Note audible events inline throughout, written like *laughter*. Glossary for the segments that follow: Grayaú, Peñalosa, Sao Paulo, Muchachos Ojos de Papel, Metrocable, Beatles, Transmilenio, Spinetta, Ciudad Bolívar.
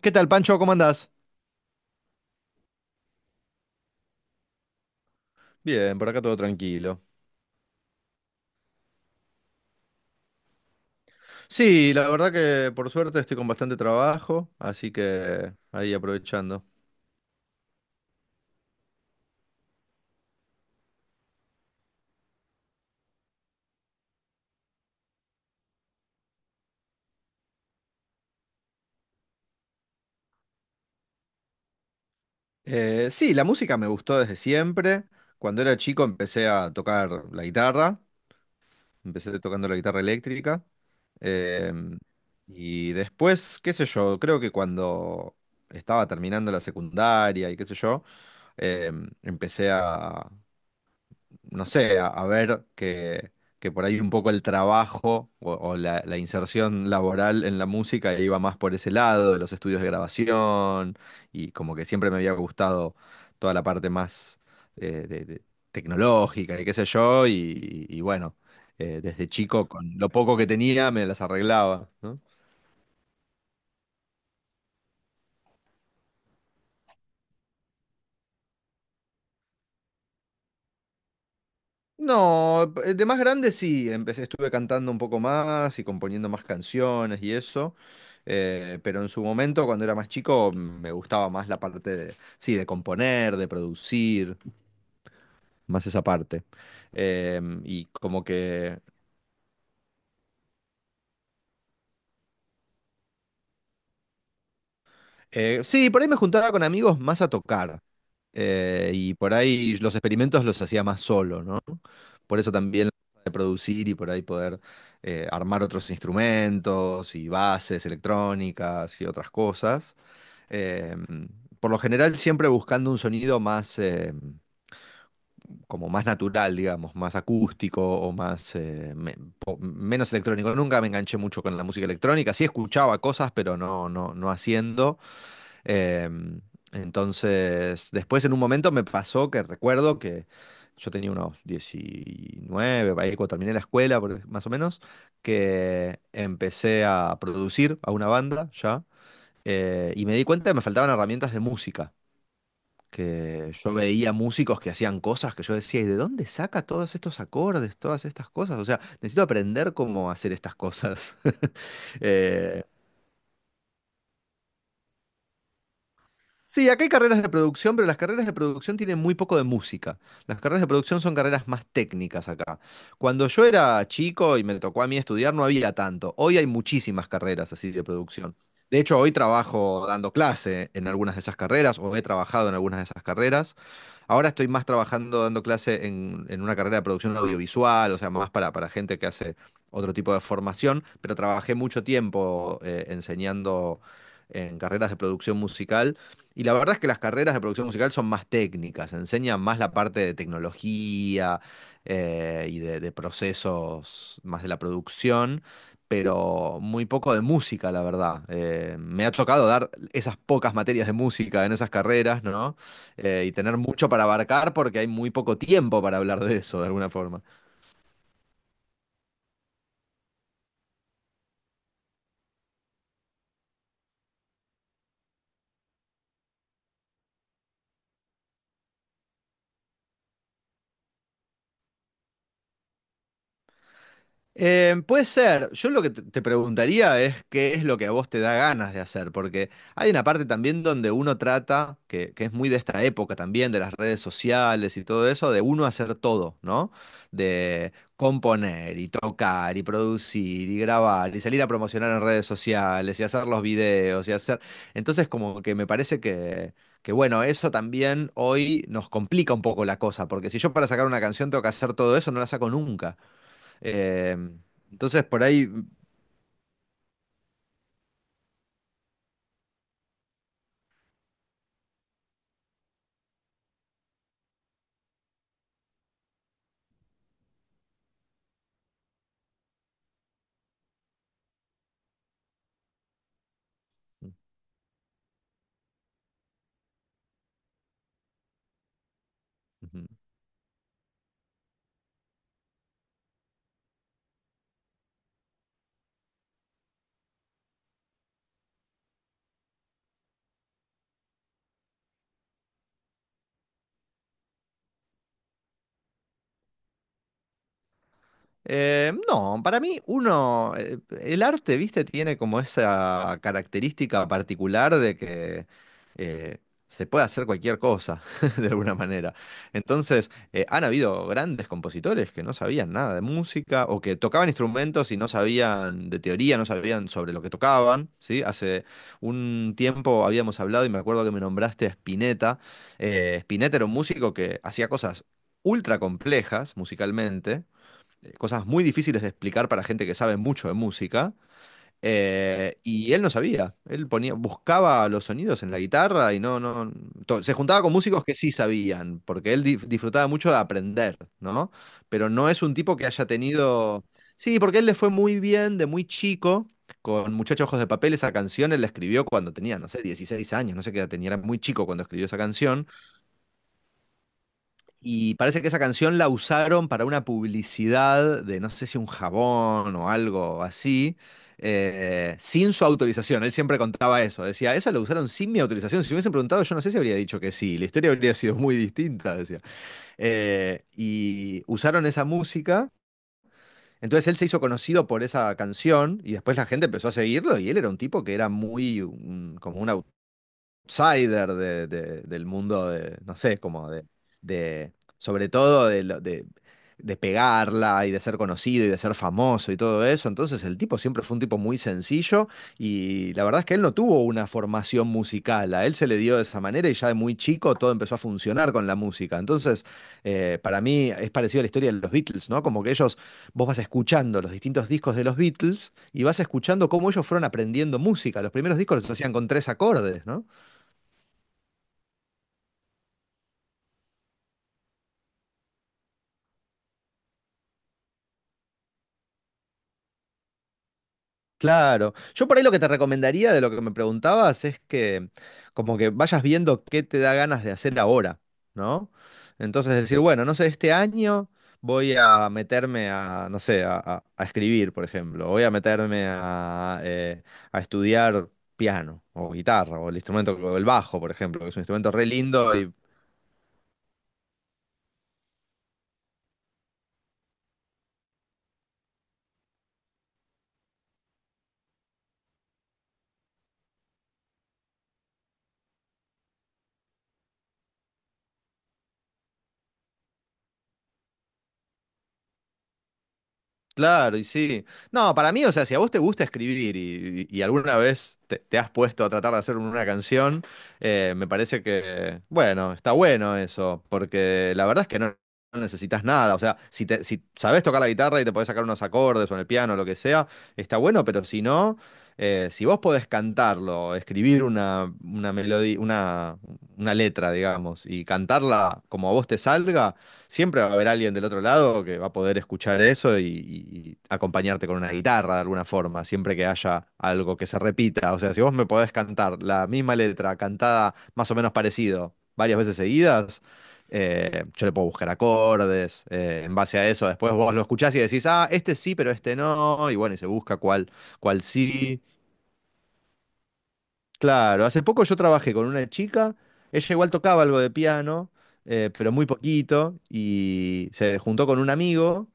¿Qué tal, Pancho? ¿Cómo andás? Bien, por acá todo tranquilo. Sí, la verdad que por suerte estoy con bastante trabajo, así que ahí aprovechando. Sí, la música me gustó desde siempre. Cuando era chico empecé a tocar la guitarra, empecé tocando la guitarra eléctrica. em, y después, qué sé yo, creo que cuando estaba terminando la secundaria y qué sé yo, empecé a, no sé, a, ver que por ahí un poco el trabajo o, la inserción laboral en la música iba más por ese lado, de los estudios de grabación, y como que siempre me había gustado toda la parte más eh, de- de- tecnológica y qué sé yo, y bueno, desde chico con lo poco que tenía me las arreglaba, ¿no? No, de más grande sí, empecé, estuve cantando un poco más y componiendo más canciones y eso, pero en su momento, cuando era más chico, me gustaba más la parte de, sí, de componer, de producir, más esa parte. Y como que, sí, por ahí me juntaba con amigos más a tocar, y por ahí los experimentos los hacía más solo, ¿no? Por eso también de producir y por ahí poder armar otros instrumentos y bases electrónicas y otras cosas. Eh, por lo general siempre buscando un sonido más, como más natural, digamos, más acústico o más, menos electrónico. Nunca me enganché mucho con la música electrónica. Sí escuchaba cosas, pero no, no, no haciendo. Em, entonces, después en un momento me pasó que recuerdo que yo tenía unos 19, ahí cuando terminé la escuela, más o menos, que empecé a producir a una banda ya, y me di cuenta que me faltaban herramientas de música, que yo veía músicos que hacían cosas que yo decía, ¿y de dónde saca todos estos acordes, todas estas cosas? O sea, necesito aprender cómo hacer estas cosas. *laughs* Eh, Sí, acá hay carreras de producción, pero las carreras de producción tienen muy poco de música. Las carreras de producción son carreras más técnicas acá. Cuando yo era chico y me tocó a mí estudiar, no había tanto. Hoy hay muchísimas carreras así de producción. De hecho, hoy trabajo dando clase en algunas de esas carreras o he trabajado en algunas de esas carreras. Ahora estoy más trabajando, dando clase en, una carrera de producción audiovisual, o sea, más para gente que hace otro tipo de formación, pero trabajé mucho tiempo enseñando en carreras de producción musical. Y la verdad es que las carreras de producción musical son más técnicas, enseñan más la parte de tecnología y de procesos más de la producción, pero muy poco de música, la verdad. Me ha tocado dar esas pocas materias de música en esas carreras, ¿no? Y tener mucho para abarcar porque hay muy poco tiempo para hablar de eso de alguna forma. Puede ser. Yo lo que te preguntaría es qué es lo que a vos te da ganas de hacer, porque hay una parte también donde uno trata, que es muy de esta época también, de las redes sociales y todo eso, de uno hacer todo, ¿no? De componer y tocar y producir y grabar y salir a promocionar en redes sociales y hacer los videos y hacer. Entonces como que me parece que. Que bueno, eso también hoy nos complica un poco la cosa, porque si yo para sacar una canción tengo que hacer todo eso, no la saco nunca. Eh, entonces, por ahí. Mm, ujú. No, para mí uno, el arte, viste, tiene como esa característica particular de que eh, se puede hacer cualquier cosa, *laughs* de alguna manera. Entonces, han habido grandes compositores que no sabían nada de música o que tocaban instrumentos y no sabían de teoría, no sabían sobre lo que tocaban, ¿sí? Hace un tiempo habíamos hablado y me acuerdo que me nombraste a Spinetta. Spinetta era un músico que hacía cosas ultra complejas musicalmente cosas muy difíciles de explicar para gente que sabe mucho de música. Y él no sabía. Él ponía, buscaba los sonidos en la guitarra y no, no. Se juntaba con músicos que sí sabían, porque él disfrutaba mucho de aprender, ¿no? Pero no es un tipo que haya tenido. Sí, porque él le fue muy bien de muy chico. Con Muchachos Ojos de Papel, esa canción él la escribió cuando tenía, no sé, 16 años, no sé qué edad tenía, era muy chico cuando escribió esa canción. Y parece que esa canción la usaron para una publicidad de no sé si un jabón o algo así, sin su autorización. Él siempre contaba eso. Decía, eso lo usaron sin mi autorización. Si me hubiesen preguntado, yo no sé si habría dicho que sí. La historia habría sido muy distinta, decía. Y usaron esa música. Entonces él se hizo conocido por esa canción y después la gente empezó a seguirlo y él era un tipo que era muy como una outsider del mundo de, no sé, como de, sobre todo de, de pegarla y de ser conocido y de ser famoso y todo eso. Entonces el tipo siempre fue un tipo muy sencillo y la verdad es que él no tuvo una formación musical, a él se le dio de esa manera y ya de muy chico todo empezó a funcionar con la música. Entonces, para mí es parecido a la historia de los Beatles, ¿no? Como que ellos, vos vas escuchando los distintos discos de los Beatles y vas escuchando cómo ellos fueron aprendiendo música. Los primeros discos los hacían con tres acordes, ¿no? Claro. Yo por ahí lo que te recomendaría de lo que me preguntabas es que como que vayas viendo qué te da ganas de hacer ahora, ¿no? Entonces decir, bueno, no sé, este año voy a meterme a, no sé, a, a escribir, por ejemplo. Voy a meterme a estudiar piano o guitarra o el instrumento, o el bajo, por ejemplo, que es un instrumento re lindo. Claro, y sí. No, para mí, o sea, si a vos te gusta escribir y alguna vez te, has puesto a tratar de hacer una canción, me parece que, bueno, está bueno eso, porque la verdad es que no, no necesitas nada. O sea, si sabés tocar la guitarra y te podés sacar unos acordes o en el piano, lo que sea, está bueno, pero si no, si vos podés cantarlo, escribir una, melodía, una letra, digamos, y cantarla como a vos te salga siempre va a haber alguien del otro lado que va a poder escuchar eso y acompañarte con una guitarra de alguna forma, siempre que haya algo que se repita. O sea, si vos me podés cantar la misma letra cantada más o menos parecido varias veces seguidas, yo le puedo buscar acordes, en base a eso después vos lo escuchás y decís, ah, este sí, pero este no, y bueno, y se busca cuál sí. Claro, hace poco yo trabajé con una chica, ella igual tocaba algo de piano, pero muy poquito, y se juntó con un amigo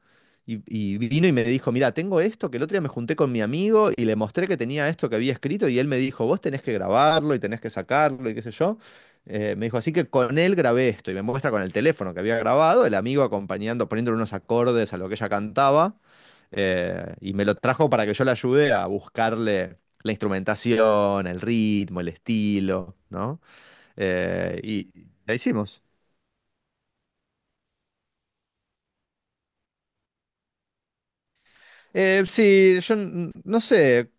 y vino y me dijo, mira, tengo esto, que el otro día me junté con mi amigo y le mostré que tenía esto que había escrito y él me dijo, vos tenés que grabarlo y tenés que sacarlo y qué sé yo. Me dijo, así que con él grabé esto y me muestra con el teléfono que había grabado, el amigo acompañando, poniéndole unos acordes a lo que ella cantaba. Y me lo trajo para que yo le ayude a buscarle la instrumentación, el ritmo, el estilo, ¿no? Y la hicimos. Sí, yo no sé.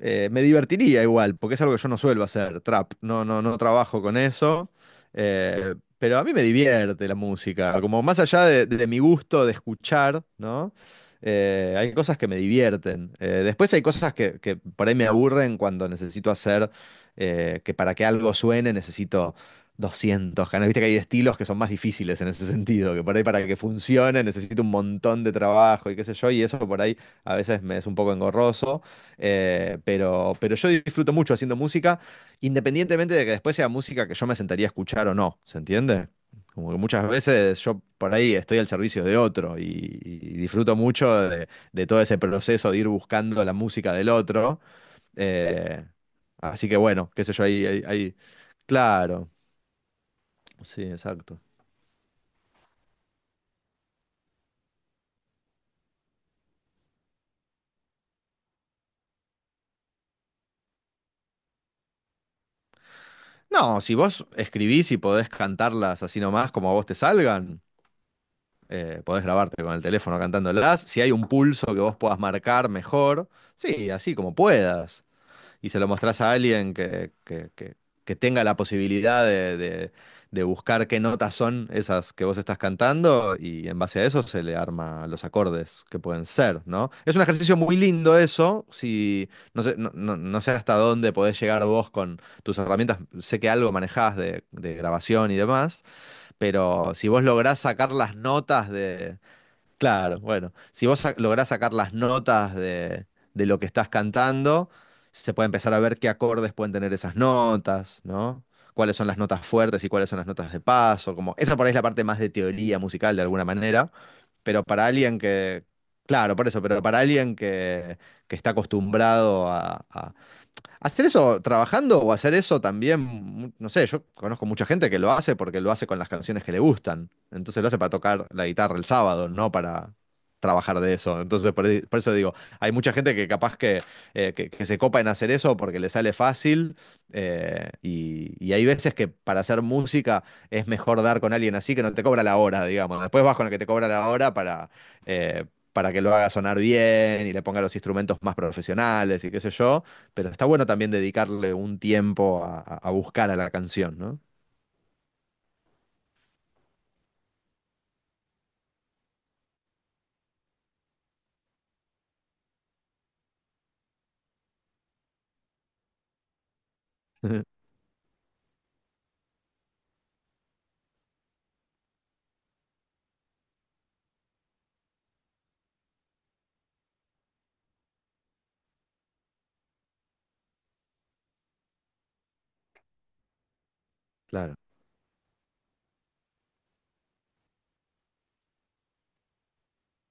Me divertiría igual, porque es algo que yo no suelo hacer, trap. No, no, no trabajo con eso. Pero a mí me divierte la música. Como más allá de, mi gusto de escuchar, ¿no? Hay cosas que me divierten. Después hay cosas que por ahí me aburren cuando necesito hacer, que para que algo suene necesito 200 canales. Viste que hay estilos que son más difíciles en ese sentido, que por ahí para que funcione necesito un montón de trabajo y qué sé yo, y eso por ahí a veces me es un poco engorroso. Pero yo disfruto mucho haciendo música, independientemente de que después sea música que yo me sentaría a escuchar o no, ¿se entiende? Como que muchas veces yo por ahí estoy al servicio de otro y disfruto mucho de todo ese proceso de ir buscando la música del otro. eh, Así que bueno, qué sé yo, claro, sí, exacto. No, si vos escribís y podés cantarlas así nomás como a vos te salgan. Podés grabarte con el teléfono cantándolas. Si hay un pulso que vos puedas marcar mejor, sí, así como puedas. Y se lo mostrás a alguien que tenga la posibilidad de, de buscar qué notas son esas que vos estás cantando y en base a eso se le arma los acordes que pueden ser, ¿no? Es un ejercicio muy lindo eso, si no sé, no sé hasta dónde podés llegar vos con tus herramientas, sé que algo manejás de grabación y demás, pero si vos lográs sacar las notas de. Claro, bueno, si vos lográs sacar las notas de, lo que estás cantando, se puede empezar a ver qué acordes pueden tener esas notas, ¿no? Cuáles son las notas fuertes y cuáles son las notas de paso, como esa por ahí es la parte más de teoría musical de alguna manera, pero para alguien que, claro, por eso, pero para alguien que está acostumbrado. ¿Hacer eso trabajando o hacer eso también? No sé, yo conozco mucha gente que lo hace porque lo hace con las canciones que le gustan. Entonces lo hace para tocar la guitarra el sábado, no para trabajar de eso. Entonces por eso digo, hay mucha gente que capaz que, que se copa en hacer eso porque le sale fácil. Y hay veces que para hacer música es mejor dar con alguien así que no te cobra la hora, digamos. Después vas con el que te cobra la hora eh, para que lo haga sonar bien y le ponga los instrumentos más profesionales y qué sé yo. Pero está bueno también dedicarle un tiempo a, a buscar a la canción, ¿no? *laughs* Claro.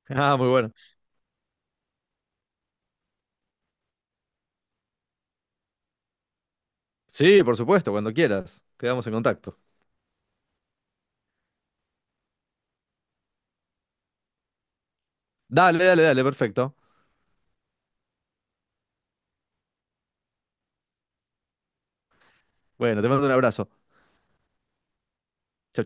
Ah, muy bueno. Sí, por supuesto, cuando quieras. Quedamos en contacto. Dale, dale, dale, perfecto. Bueno, te mando un abrazo. Chau,